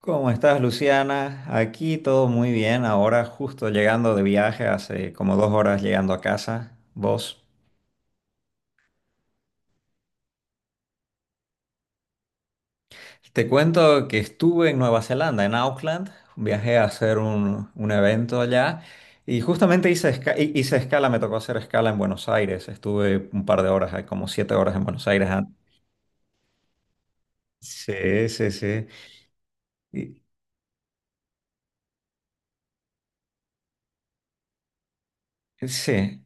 ¿Cómo estás, Luciana? Aquí todo muy bien. Ahora justo llegando de viaje, hace como 2 horas llegando a casa. ¿Vos? Te cuento que estuve en Nueva Zelanda, en Auckland. Viajé a hacer un evento allá y justamente hice escala, me tocó hacer escala en Buenos Aires. Estuve un par de horas, como 7 horas en Buenos Aires antes. Sí, sí, sí. Y- sí.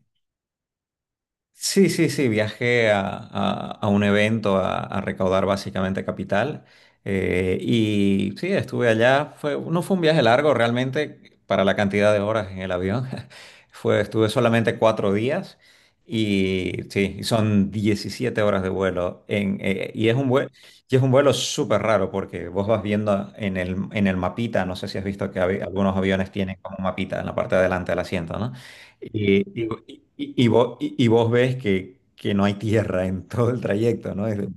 Sí, sí, sí, viajé a un evento a recaudar básicamente capital, y sí, estuve allá, no fue un viaje largo realmente para la cantidad de horas en el avión, estuve solamente 4 días y sí, y son 17 horas de vuelo, y es un vuelo súper raro porque vos vas viendo en el mapita, no sé si has visto que algunos aviones tienen como un mapita en la parte de adelante del asiento, ¿no? Y, y vos ves que no hay tierra en todo el trayecto, ¿no? Desde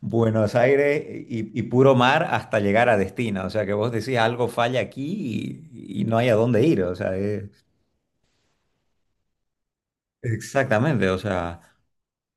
Buenos Aires y puro mar hasta llegar a destino. O sea que vos decís algo falla aquí y no hay a dónde ir. O sea, exactamente. O sea,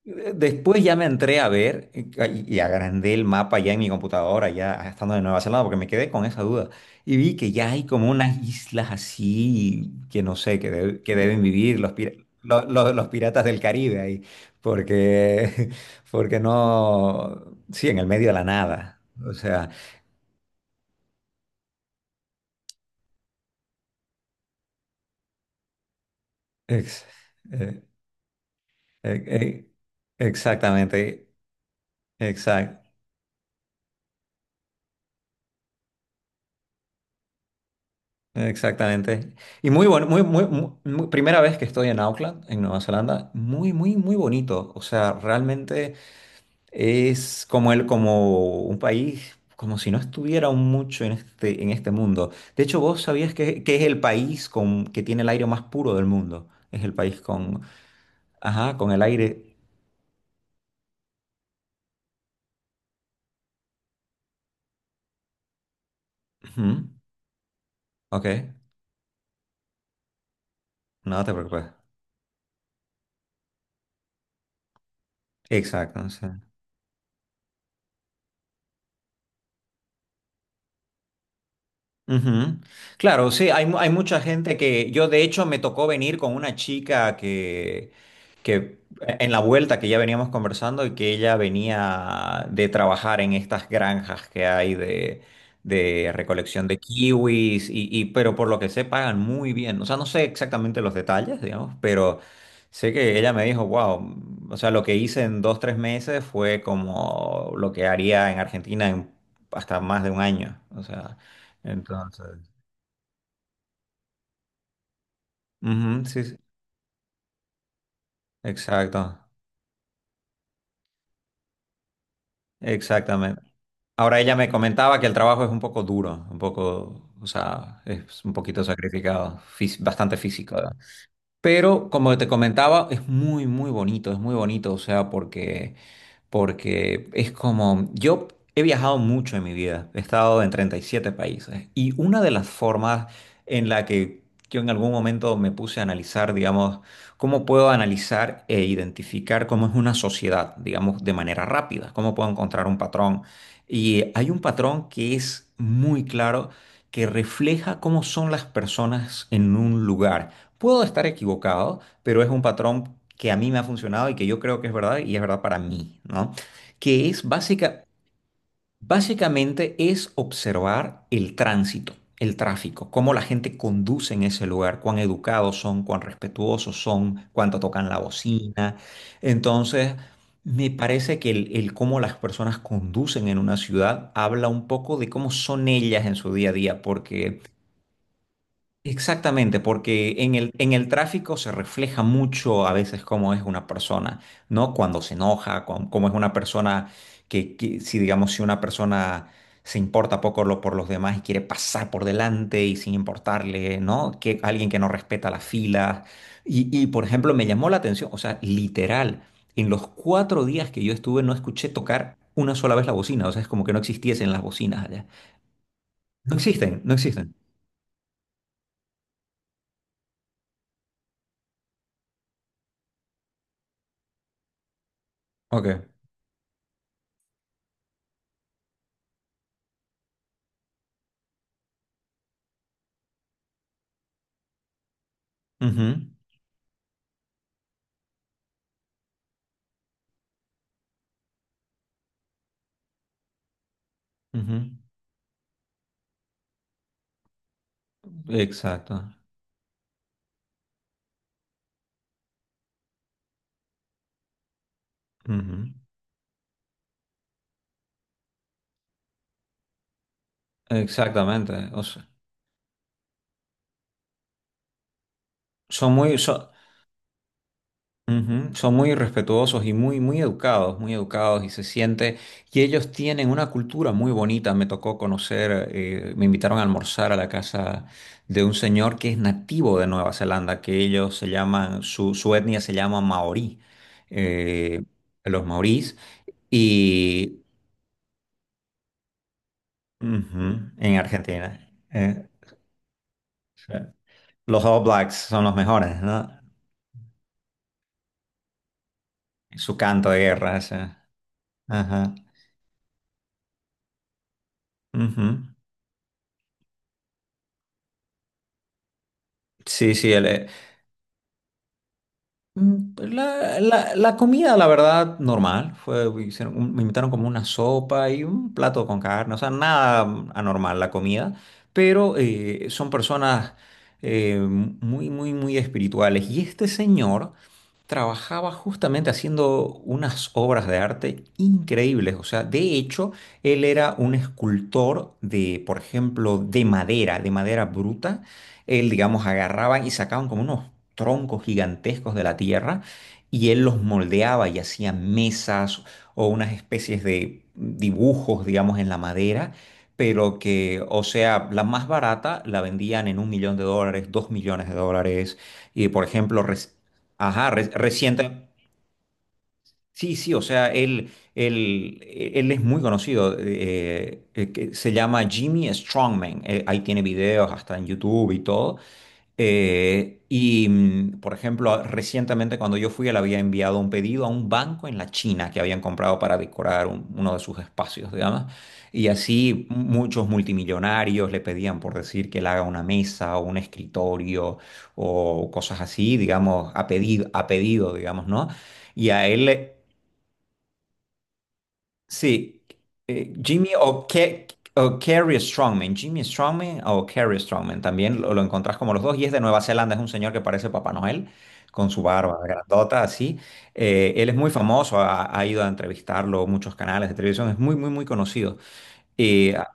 Después ya me entré a ver, y agrandé el mapa ya en mi computadora, ya estando de Nueva Zelanda, porque me quedé con esa duda. Y vi que ya hay como unas islas así, que no sé, que deben vivir los piratas del Caribe ahí, porque, porque no, sí, en el medio de la nada. O sea, ex- eh, eh, eh, exactamente, exact- Exactamente. Y muy bueno, muy, muy, primera vez que estoy en Auckland, en Nueva Zelanda, muy, muy, muy bonito. O sea, realmente es como el, como un país, como si no estuviera mucho en este mundo. De hecho, vos sabías que es el país que tiene el aire más puro del mundo. Es el país ajá, con el aire. Ujú. Ok, no te preocupes. Exacto, sí. Ujú. Claro, sí, hay mucha gente que yo de hecho me tocó venir con una chica que en la vuelta que ya veníamos conversando y que ella venía de trabajar en estas granjas que hay de recolección de kiwis pero por lo que sé pagan muy bien. O sea, no sé exactamente los detalles, digamos, pero sé que ella me dijo, wow, o sea, lo que hice en 2, 3 meses fue como lo que haría en Argentina en hasta más de un año. O sea. Entonces, ujú, sí, sí, exacto, exactamente. Ahora ella me comentaba que el trabajo es un poco duro, un poco, o sea, es un poquito sacrificado, bastante físico, ¿verdad? Pero como te comentaba, es muy, muy bonito, es muy bonito, o sea, porque porque es como, yo he viajado mucho en mi vida, he estado en 37 países y una de las formas en la que yo en algún momento me puse a analizar, digamos, cómo puedo analizar e identificar cómo es una sociedad, digamos, de manera rápida, cómo puedo encontrar un patrón. Y hay un patrón que es muy claro, que refleja cómo son las personas en un lugar. Puedo estar equivocado, pero es un patrón que a mí me ha funcionado y que yo creo que es verdad y es verdad para mí, ¿no? Que es básica, básicamente es observar el tránsito, el tráfico, cómo la gente conduce en ese lugar, cuán educados son, cuán respetuosos son, cuánto tocan la bocina. Entonces, me parece que el cómo las personas conducen en una ciudad habla un poco de cómo son ellas en su día a día, porque exactamente, porque en el tráfico se refleja mucho a veces cómo es una persona, ¿no? Cuando se enoja, cómo es una persona que si digamos, si una persona se importa poco por los demás y quiere pasar por delante y sin importarle, ¿no? Que alguien que no respeta las filas. Por ejemplo, me llamó la atención, o sea, literal, en los 4 días que yo estuve no escuché tocar una sola vez la bocina, o sea, es como que no existiesen las bocinas allá. No existen, no existen. Ok. Ujú, ujú. Exacto. Ujú. Exactamente. O sea, son muy, son, ujú, son muy respetuosos y muy, muy educados y se siente. Y ellos tienen una cultura muy bonita. Me tocó conocer, me invitaron a almorzar a la casa de un señor que es nativo de Nueva Zelanda, que ellos se llaman, su etnia se llama maorí, eh, los maorís. Y ujú, en Argentina. eh, los All Blacks son los mejores, ¿no? Su canto de guerra, ese. Ajá. Ujú. Sí, sí, él, Pues la comida, la verdad, normal. Fue, hicieron me invitaron como una sopa y un plato con carne. O sea, nada anormal la comida. Pero son personas, muy, muy, muy espirituales. Y este señor trabajaba justamente haciendo unas obras de arte increíbles. O sea, de hecho, él era un escultor de, por ejemplo, de madera bruta, él, digamos, agarraban y sacaban como unos troncos gigantescos de la tierra y él los moldeaba y hacía mesas o unas especies de dibujos, digamos, en la madera, pero que, o sea, la más barata la vendían en 1 millón de dólares, 2 millones de dólares, y por ejemplo, ajá, reciente. Sí, sí, o sea, él es muy conocido, que se llama Jimmy Strongman, ahí tiene videos hasta en YouTube y todo, y, por ejemplo, recientemente cuando yo fui, él había enviado un pedido a un banco en la China que habían comprado para decorar uno de sus espacios, digamos. Y así muchos multimillonarios le pedían por decir que él haga una mesa o un escritorio o cosas así, digamos, a pedido, digamos, ¿no? Y a él Sí, Jimmy o Kerry Strongman. Jimmy Strongman o Kerry Strongman. También lo encontrás como los dos. Y es de Nueva Zelanda. Es un señor que parece Papá Noel, con su barba grandota, así. Él es muy famoso. Ha ido a entrevistarlo muchos canales de televisión. Es muy, muy, muy conocido. Y, ah,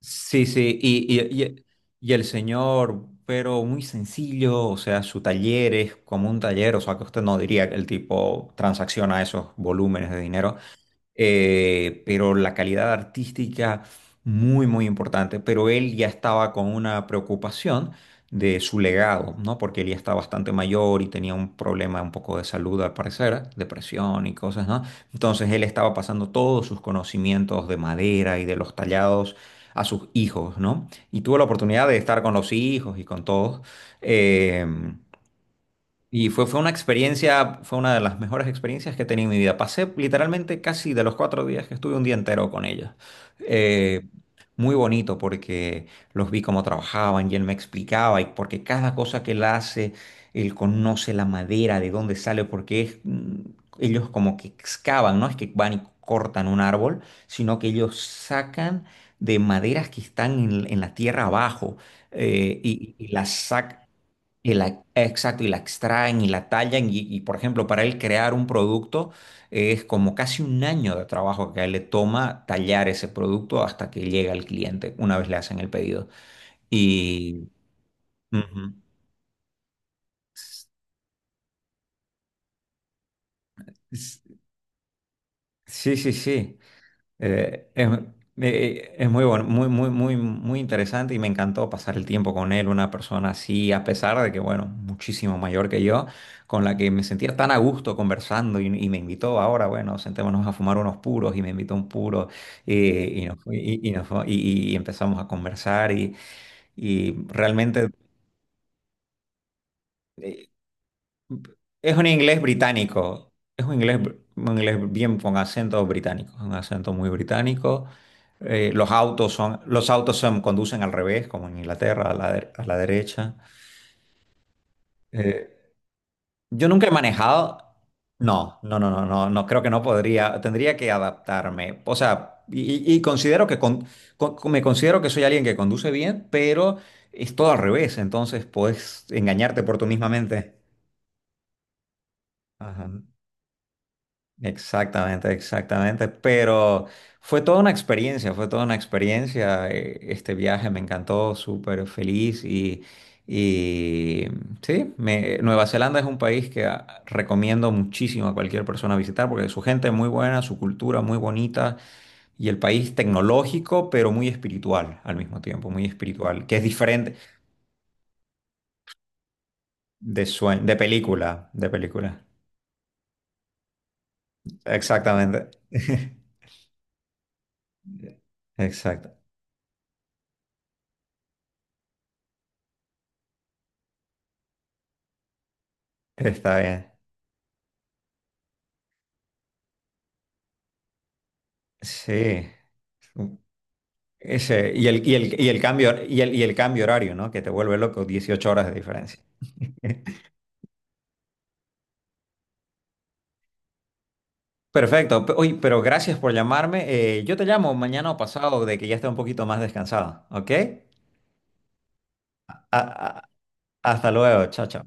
sí, sí. Y el señor, pero muy sencillo. O sea, su taller es como un taller. O sea, que usted no diría que el tipo transacciona esos volúmenes de dinero. Pero la calidad artística muy, muy importante. Pero él ya estaba con una preocupación de su legado, ¿no? Porque él ya está bastante mayor y tenía un problema un poco de salud al parecer, depresión y cosas, ¿no? Entonces él estaba pasando todos sus conocimientos de madera y de los tallados a sus hijos, ¿no? Y tuvo la oportunidad de estar con los hijos y con todos. Eh, y fue una experiencia, fue una de las mejores experiencias que he tenido en mi vida. Pasé literalmente casi de los 4 días que estuve un día entero con ellos. Eh, Muy bonito porque los vi cómo trabajaban y él me explicaba y porque cada cosa que él hace, él conoce la madera, de dónde sale, porque es, ellos como que excavan, no es que van y cortan un árbol, sino que ellos sacan de maderas que están en la tierra abajo, y las sacan exacto, y la extraen y la tallan y, por ejemplo, para él crear un producto, es como casi un año de trabajo que a él le toma tallar ese producto hasta que llega al cliente una vez le hacen el pedido. Y... Ujú. S- s- Sí, sí, sí. Eh, es, es muy bueno, muy, muy, muy, muy interesante y me encantó pasar el tiempo con él, una persona así, a pesar de que, bueno, muchísimo mayor que yo, con la que me sentía tan a gusto conversando y me invitó ahora, bueno, sentémonos a fumar unos puros y me invitó un puro, y empezamos a conversar y realmente. Es un inglés británico. Es un inglés bien con acento británico. Un acento muy británico. Los autos conducen al revés, como en Inglaterra, a la derecha. Eh, yo nunca he manejado. No, no, no, no, no, no, creo que no podría. Tendría que adaptarme. O sea, y, y considero que me considero que soy alguien que conduce bien, pero es todo al revés. Entonces, puedes engañarte por tu misma mente. Ajá. Exactamente, exactamente. Pero fue toda una experiencia, fue toda una experiencia. Este viaje me encantó, súper feliz y, sí, Nueva Zelanda es un país que, recomiendo muchísimo a cualquier persona visitar porque su gente es muy buena, su cultura muy bonita y el país tecnológico, pero muy espiritual al mismo tiempo, muy espiritual, que es diferente, de película, de película. Exactamente. Exacto. Está bien. Sí. Ese, y el cambio horario, ¿no? Que te vuelve loco, 18 horas de diferencia. Perfecto. Oye, pero gracias por llamarme. Yo te llamo mañana o pasado de que ya esté un poquito más descansado, ¿ok? A- a- Hasta luego. Chao, chao.